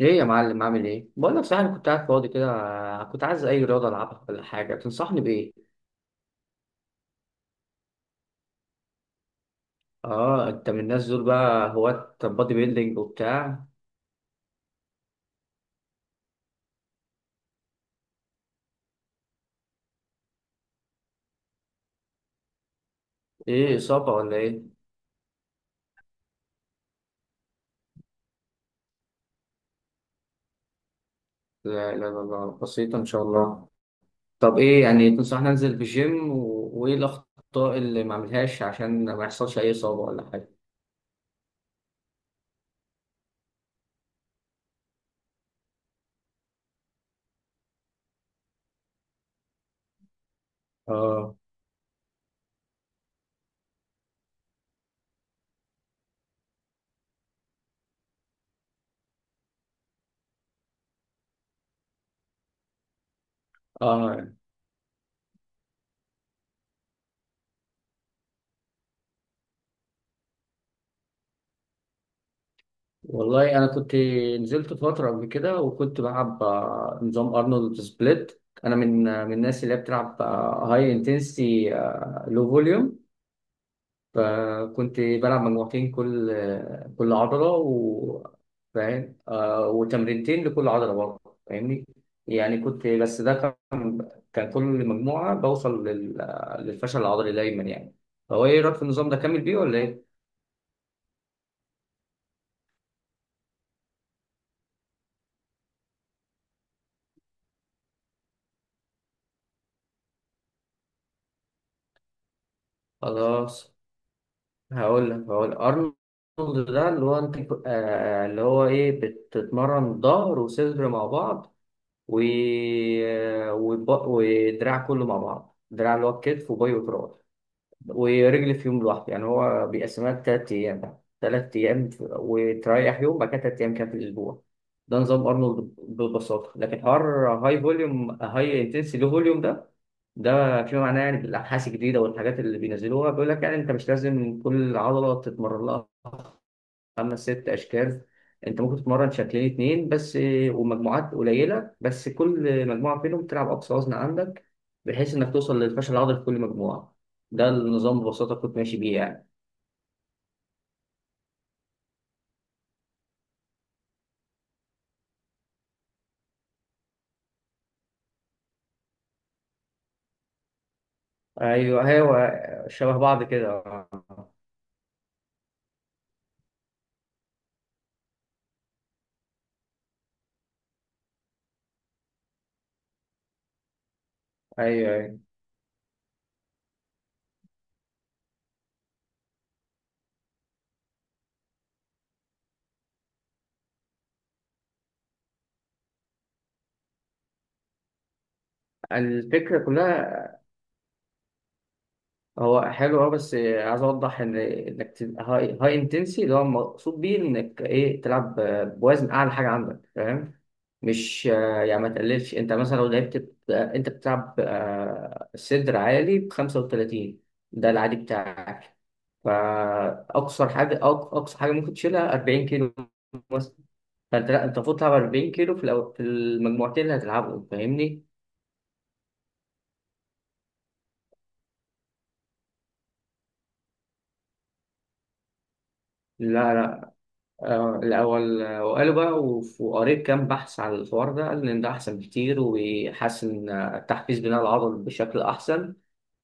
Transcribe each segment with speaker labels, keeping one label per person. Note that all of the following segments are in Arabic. Speaker 1: ايه يا معلم عامل ايه؟ بقول لك صحيح انا كنت قاعد فاضي كده. كنت عايز اي رياضه العبها ولا حاجه تنصحني بايه؟ اه، انت من الناس دول بقى هواة بادي بيلدينج وبتاع. ايه اصابه ولا ايه؟ لا لا لا لا، بسيطه ان شاء الله. طب ايه يعني تنصحني انزل في جيم وايه الاخطاء اللي ما اعملهاش عشان ما يحصلش اي اصابه ولا حاجه؟ اه. اه، والله انا كنت نزلت فتره قبل كده وكنت بلعب نظام ارنولد سبليت. انا من الناس اللي هي بتلعب هاي انتنسي لو فوليوم. فكنت بلعب مجموعتين كل عضله، و فاهم آه، وتمرينتين لكل عضله برضه، فاهمني؟ يعني كنت، بس ده كان كل مجموعه بوصل للفشل العضلي دايما يعني. فهو ايه رايك في النظام ده؟ كامل بيه ولا ايه؟ خلاص، هقول لك. ارنولد ده اللي هو انت اللي هو ايه، بتتمرن ظهر وصدر مع بعض، و... ودراع كله مع بعض، دراع اللي هو الكتف وباي وتراي. ورجل في يوم لوحده. يعني هو بيقسمها لتلات أيام بقى، تلات أيام وتريح يوم بعد كده تلات أيام كده في الأسبوع. ده نظام أرنولد ببساطة. لكن حوار هاي فوليوم هاي انتنسي لو فوليوم ده، ده في معناه يعني بالأبحاث الجديدة والحاجات اللي بينزلوها بيقول لك يعني أنت مش لازم كل عضلة تتمرن لها خمس ست اشكال. انت ممكن تتمرن شكلين اتنين بس، ومجموعات قليله، بس كل مجموعه فيهم تلعب اقصى وزن عندك، بحيث انك توصل للفشل العضلي في كل مجموعه. ده النظام ببساطه كنت ماشي بيه يعني. ايوه ايوه، شبه بعض كده. ايوه ايوه، الفكره كلها. هو حلو اه، بس عايز اوضح ان انك تبقى هاي انتنسي، اللي هو المقصود بيه انك ايه، تلعب بوزن اعلى حاجه عندك، فاهم؟ مش يعني ما تقللش. انت مثلا لو لعبت ب- آه، انت بتلعب صدر عالي ب 35، ده العادي بتاعك. اقصى حاجه ممكن تشيلها 40 كيلو مثلا. فانت لا، انت المفروض تلعب 40 كيلو في في المجموعتين اللي هتلعبهم، فاهمني؟ لا لا، الاول وقريت كام بحث على الحوار ده، قال ان ده احسن بكتير ويحسن تحفيز بناء العضل بشكل احسن.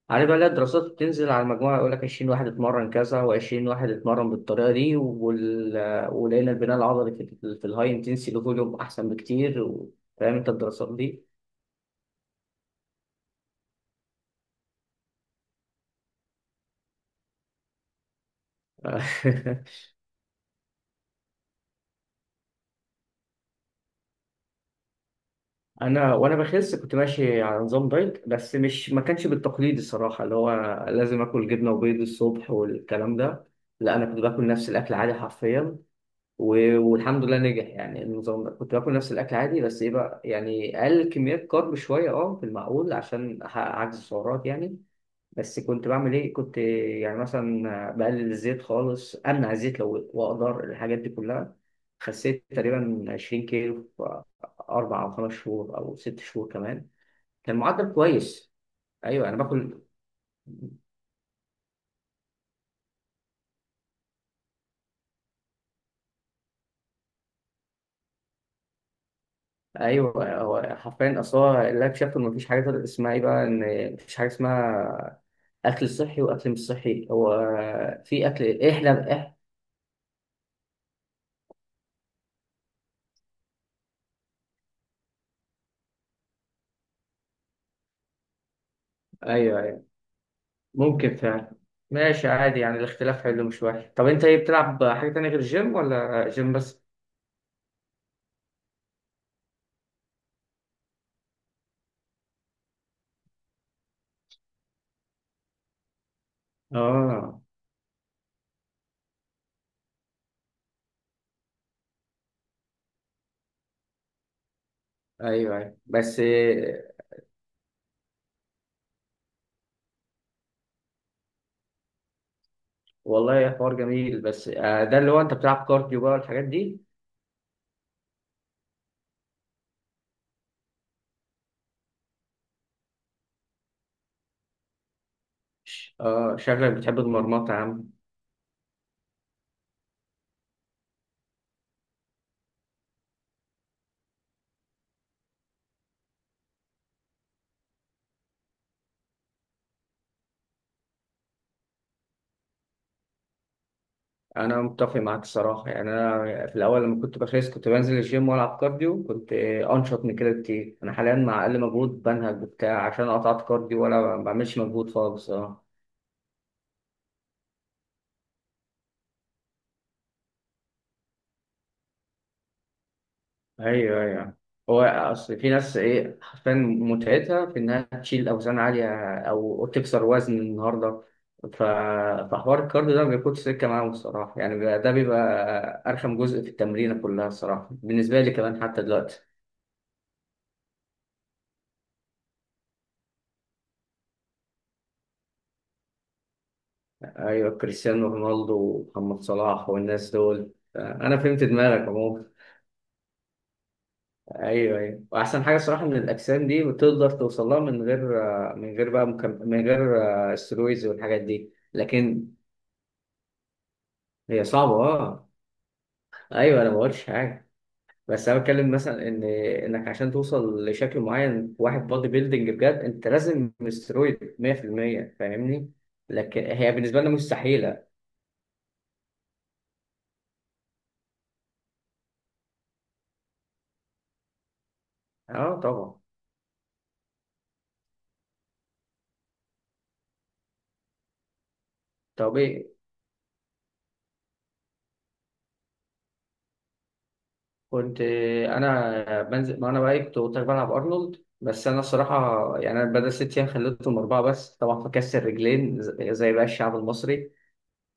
Speaker 1: عارف بقى، لا الدراسات بتنزل على المجموعة يقول لك 20 واحد اتمرن كذا و20 واحد اتمرن بالطريقة دي، ولقينا البناء العضلي في الهاي انتنسي فوليوم أحسن بكتير، فاهم أنت الدراسات دي؟ أنا، وأنا بخس كنت ماشي على نظام دايت، بس مش، ما كانش بالتقليد الصراحة اللي هو لازم آكل جبنة وبيض الصبح والكلام ده. لا، أنا كنت باكل نفس الأكل عادي حرفيا، والحمد لله نجح يعني. النظام ده كنت باكل نفس الاكل عادي، بس ايه بقى، يعني اقل كميات كارب شويه، اه في المعقول، عشان أحقق عجز السعرات يعني. بس كنت بعمل ايه، كنت يعني مثلا بقلل الزيت خالص، امنع الزيت لو واقدر، الحاجات دي كلها. خسيت تقريبا 20 كيلو في اربع او خمس شهور او ست شهور كمان. كان معدل كويس. ايوه انا باكل. ايوه هو حرفيا، اصل هو اللي اكتشفته ان مفيش حاجه اسمها ايه بقى، ان مفيش حاجه اسمها اكل صحي واكل مش صحي، هو في اكل احنا ايوه ايوه، ممكن فعلا، ماشي عادي يعني، الاختلاف حلو مش وحش. طب انت ايه، بتلعب حاجه تانية غير الجيم ولا جيم بس؟ اه. ايوه ايوه، بس والله حوار جميل، بس ده اللي هو انت بتلعب كارديو بقى والحاجات دي. اه شكلك بتحب المرمطه يا عم. انا متفق معاك الصراحه. يعني انا في الاول لما كنت بخس كنت بنزل الجيم والعب كارديو، كنت انشط من كده كتير. انا حاليا مع اقل مجهود بنهج وبتاع، عشان قطعت كارديو ولا ما بعملش مجهود خالص، اه. ايوه ايوه. هو اصل في ناس ايه، حرفيا متعتها في انها تشيل اوزان عاليه او تكسر وزن النهارده. ف... فحوار الكارديو ده ما بياخدش سكه معاهم الصراحه، يعني بيبقى، ده بيبقى ارخم جزء في التمرينه كلها الصراحه بالنسبه لي، كمان حتى دلوقتي. ايوه كريستيانو رونالدو ومحمد صلاح والناس دول، انا فهمت دماغك عموما. ايوه ايوه، واحسن حاجه صراحه ان الاجسام دي بتقدر توصل لها من غير، من غير استرويدز والحاجات دي. لكن هي صعبه اه. ايوه انا ما قلتش حاجه، بس انا بتكلم مثلا ان انك عشان توصل لشكل معين في واحد بودي بيلدينج بجد، انت لازم استرويد 100%، فاهمني؟ لكن هي بالنسبه لنا مستحيله. اه طبعا. طب ايه كنت، انا بنزل، ما انا بقى كنت قلت لك بلعب ارنولد، بس انا الصراحه يعني، انا بدل ست ايام خليتهم اربعه بس طبعا، فكسر رجلين، زي بقى الشعب المصري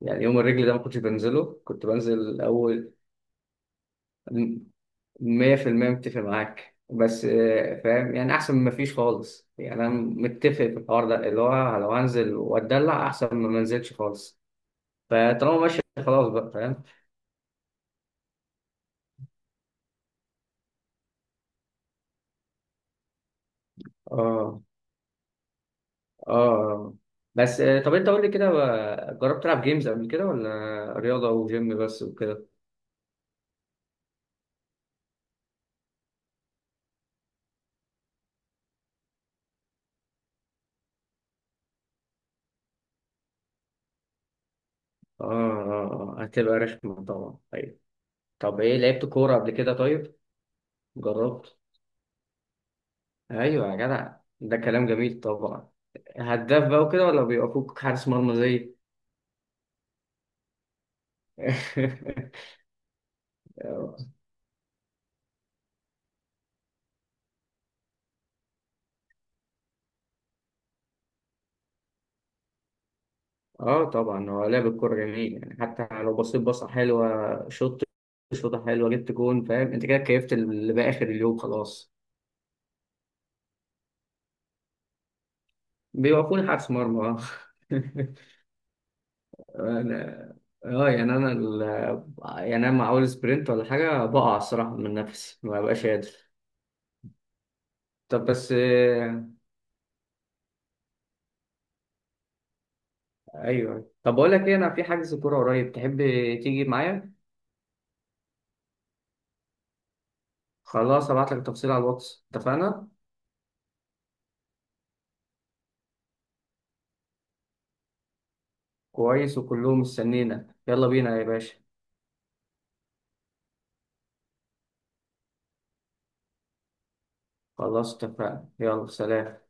Speaker 1: يعني. يوم الرجل ده ما كنتش بنزله، كنت بنزل اول. 100% متفق معاك، بس فاهم يعني، احسن من ما فيش خالص يعني. انا متفق في الحوار ده اللي هو لو هنزل واتدلع احسن من ما انزلش خالص. فطالما ماشي خلاص بقى، فاهم. اه اه، بس طب انت قول لي كده، جربت تلعب جيمز قبل كده ولا رياضه وجيم بس وكده؟ اه اه، هتبقى رخمه طبعا، ايوه. طب ايه، لعبت كوره قبل كده طيب؟ جربت. ايوه يا جدع، ده كلام جميل طبعا. هداف بقى وكده ولا بيوقفوك حارس مرمى زي؟ اه طبعا، هو لعب الكوره جميل يعني. حتى لو بصيت بصه حلوه، شوط، شوطه حلوه، جبت جون، فاهم انت كده، كيفت، اللي بقى اخر اليوم خلاص. بيوقفوني حارس مرمى اه. انا اه، يعني انا يعني انا مع اول سبرنت ولا حاجه بقع الصراحه، من نفسي ما ببقاش قادر. طب بس ايوه طب بقول لك ايه، انا في حجز كوره قريب، تحب تيجي معايا؟ خلاص ابعت لك تفصيل على الواتس، اتفقنا. كويس وكلهم مستنينا، يلا بينا يا باشا. خلاص اتفقنا، يلا سلام.